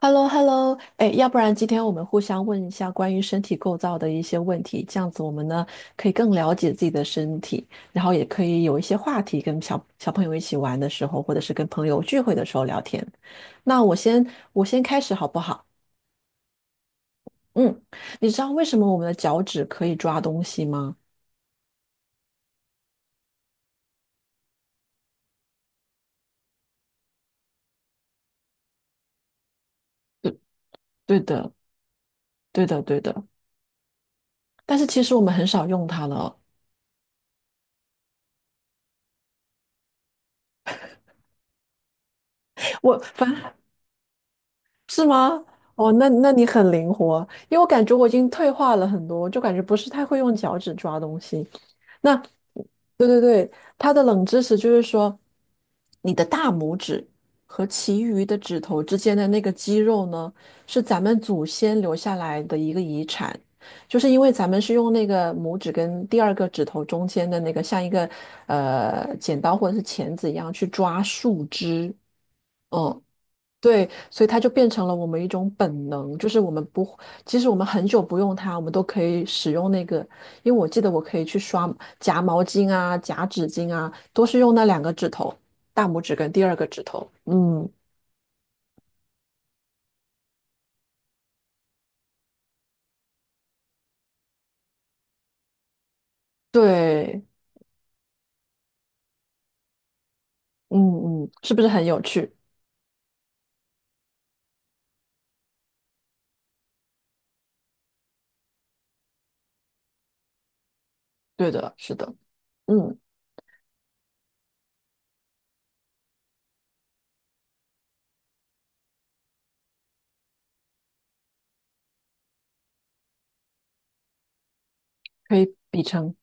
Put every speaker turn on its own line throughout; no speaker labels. h e l l o h e l l o 哎，要不然今天我们互相问一下关于身体构造的一些问题，这样子我们呢可以更了解自己的身体，然后也可以有一些话题跟小小朋友一起玩的时候，或者是跟朋友聚会的时候聊天。那我先开始好不好？嗯，你知道为什么我们的脚趾可以抓东西吗？对，对的，对的。但是其实我们很少用它了哦。我反是吗？哦，那你很灵活，因为我感觉我已经退化了很多，就感觉不是太会用脚趾抓东西。那，对对对，它的冷知识就是说，你的大拇指和其余的指头之间的那个肌肉呢，是咱们祖先留下来的一个遗产，就是因为咱们是用那个拇指跟第二个指头中间的那个像一个剪刀或者是钳子一样去抓树枝。嗯，对，所以它就变成了我们一种本能，就是我们不，即使我们很久不用它，我们都可以使用那个。因为我记得我可以去刷夹毛巾啊、夹纸巾啊，都是用那两个指头，大拇指跟第二个指头。嗯，对，嗯嗯，是不是很有趣？对的，是的，嗯，可以比成，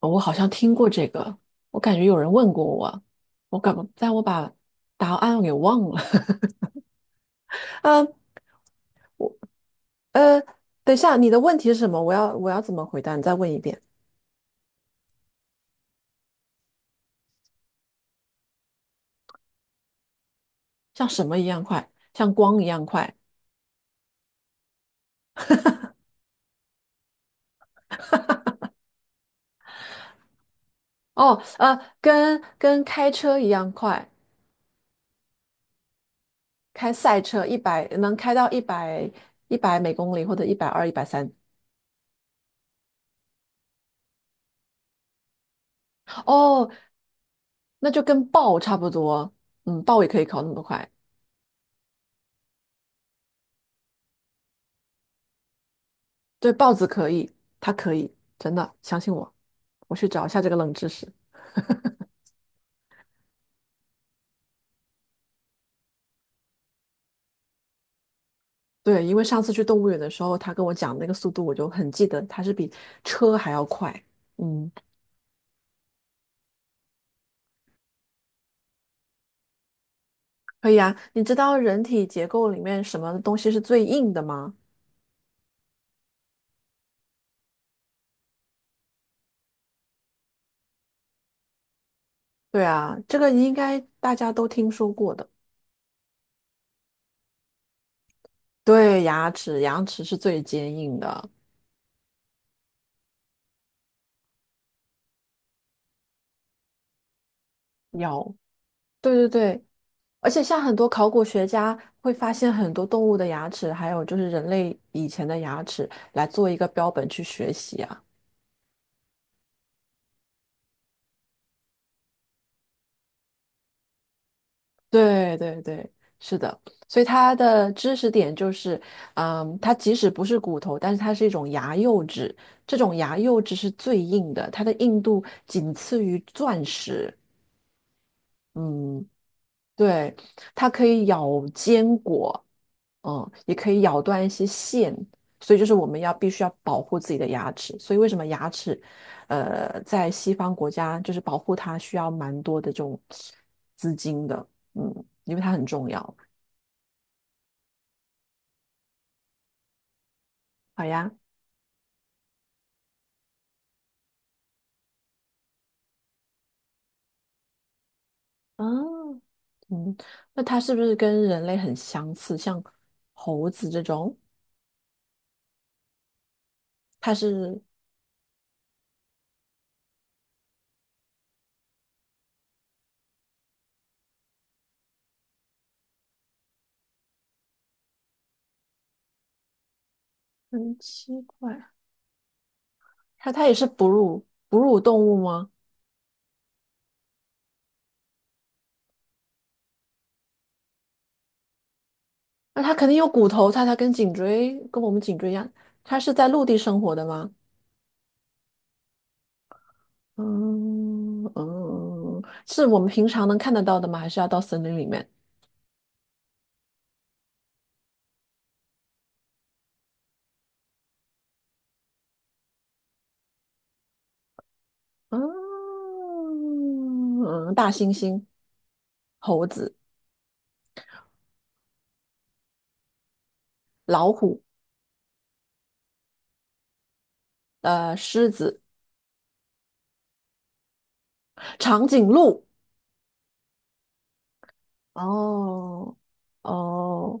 哦我好像听过这个，我感觉有人问过我，我感，但我把答案给忘了。嗯，呃，等一下，你的问题是什么？我要怎么回答？你再问一遍。像什么一样快？像光一样快？哦，跟开车一样快，开赛车一百能开到一百每公里或者一百二、一百三。哦，那就跟豹差不多。嗯，豹也可以考那么快。对，豹子可以，它可以，真的，相信我。我去找一下这个冷知识。对，因为上次去动物园的时候，他跟我讲那个速度，我就很记得它是比车还要快。嗯。可以啊，你知道人体结构里面什么东西是最硬的吗？对啊，这个应该大家都听说过的。对，牙齿，牙齿是最坚硬的。有，对对对，而且像很多考古学家会发现很多动物的牙齿，还有就是人类以前的牙齿，来做一个标本去学习啊。对对对，是的，所以它的知识点就是，嗯，它即使不是骨头，但是它是一种牙釉质，这种牙釉质是最硬的，它的硬度仅次于钻石。嗯，对，它可以咬坚果，嗯，也可以咬断一些线，所以就是我们要必须要保护自己的牙齿。所以为什么牙齿，在西方国家就是保护它需要蛮多的这种资金的，嗯，因为它很重要。好呀，嗯，嗯，那它是不是跟人类很相似？像猴子这种，它是很奇怪，它也是哺乳动物吗？那它肯定有骨头，它跟颈椎跟我们颈椎一样，它是在陆地生活的吗？嗯嗯，是我们平常能看得到的吗？还是要到森林里面？嗯，嗯大猩猩、猴子、老虎、狮子、长颈鹿。哦，哦，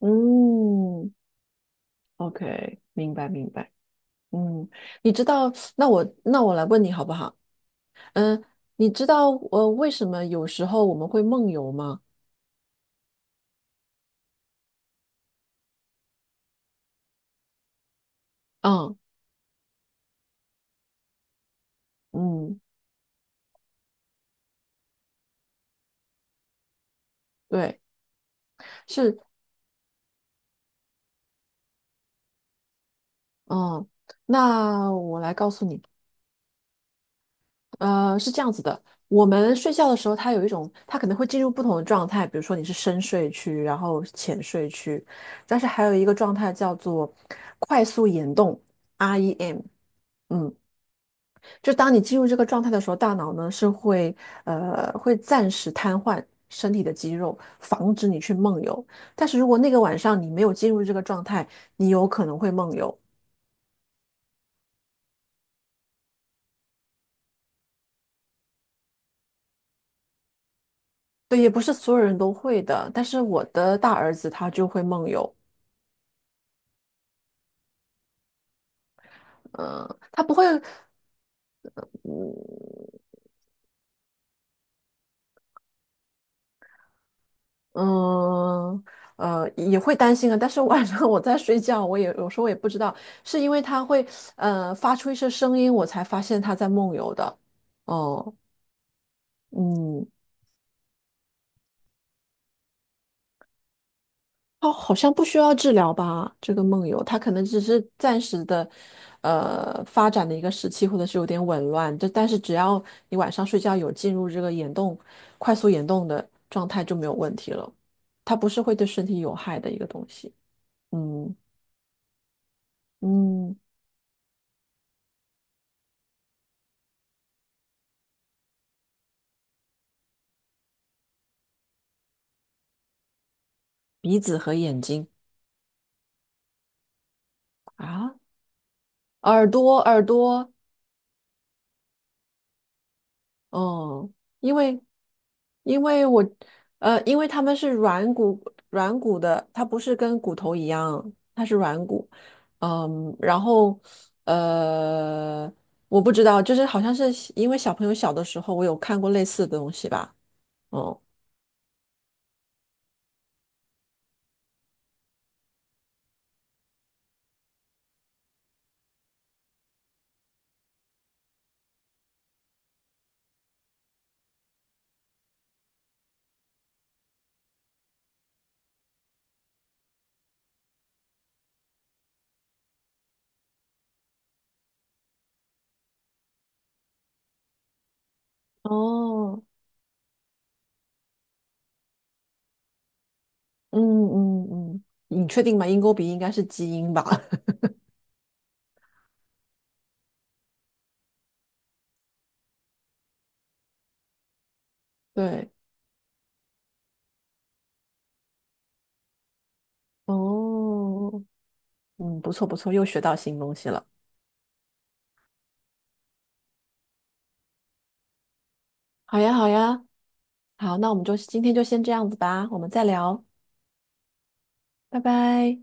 嗯，OK，明白明白，嗯，你知道，那我来问你好不好？嗯，你知道为什么有时候我们会梦游吗？嗯嗯，对，是，嗯，那我来告诉你，是这样子的，我们睡觉的时候，它有一种，它可能会进入不同的状态，比如说你是深睡区，然后浅睡区，但是还有一个状态叫做快速眼动 （REM）。嗯，就当你进入这个状态的时候，大脑呢是会会暂时瘫痪身体的肌肉，防止你去梦游。但是如果那个晚上你没有进入这个状态，你有可能会梦游。对，也不是所有人都会的，但是我的大儿子他就会梦游。嗯，他不会，嗯也会担心啊，但是晚上我在睡觉，我也有时候也不知道，是因为它会发出一些声音，我才发现它在梦游的。哦，嗯，它好像不需要治疗吧？这个梦游，它可能只是暂时的，发展的一个时期，或者是有点紊乱。这但是只要你晚上睡觉有进入这个眼动、快速眼动的状态，就没有问题了。它不是会对身体有害的一个东西。嗯。嗯，鼻子和眼睛啊，耳朵，耳朵，哦，因为因为我因为它们是软骨的，它不是跟骨头一样，它是软骨，嗯，然后呃，我不知道，就是好像是因为小朋友小的时候，我有看过类似的东西吧，哦，哦，嗯嗯嗯，你确定吗？鹰钩鼻应该是基因吧？对，哦，嗯，不错不错，又学到新东西了。好呀，好呀，好，那我们就今天就先这样子吧，我们再聊，拜拜。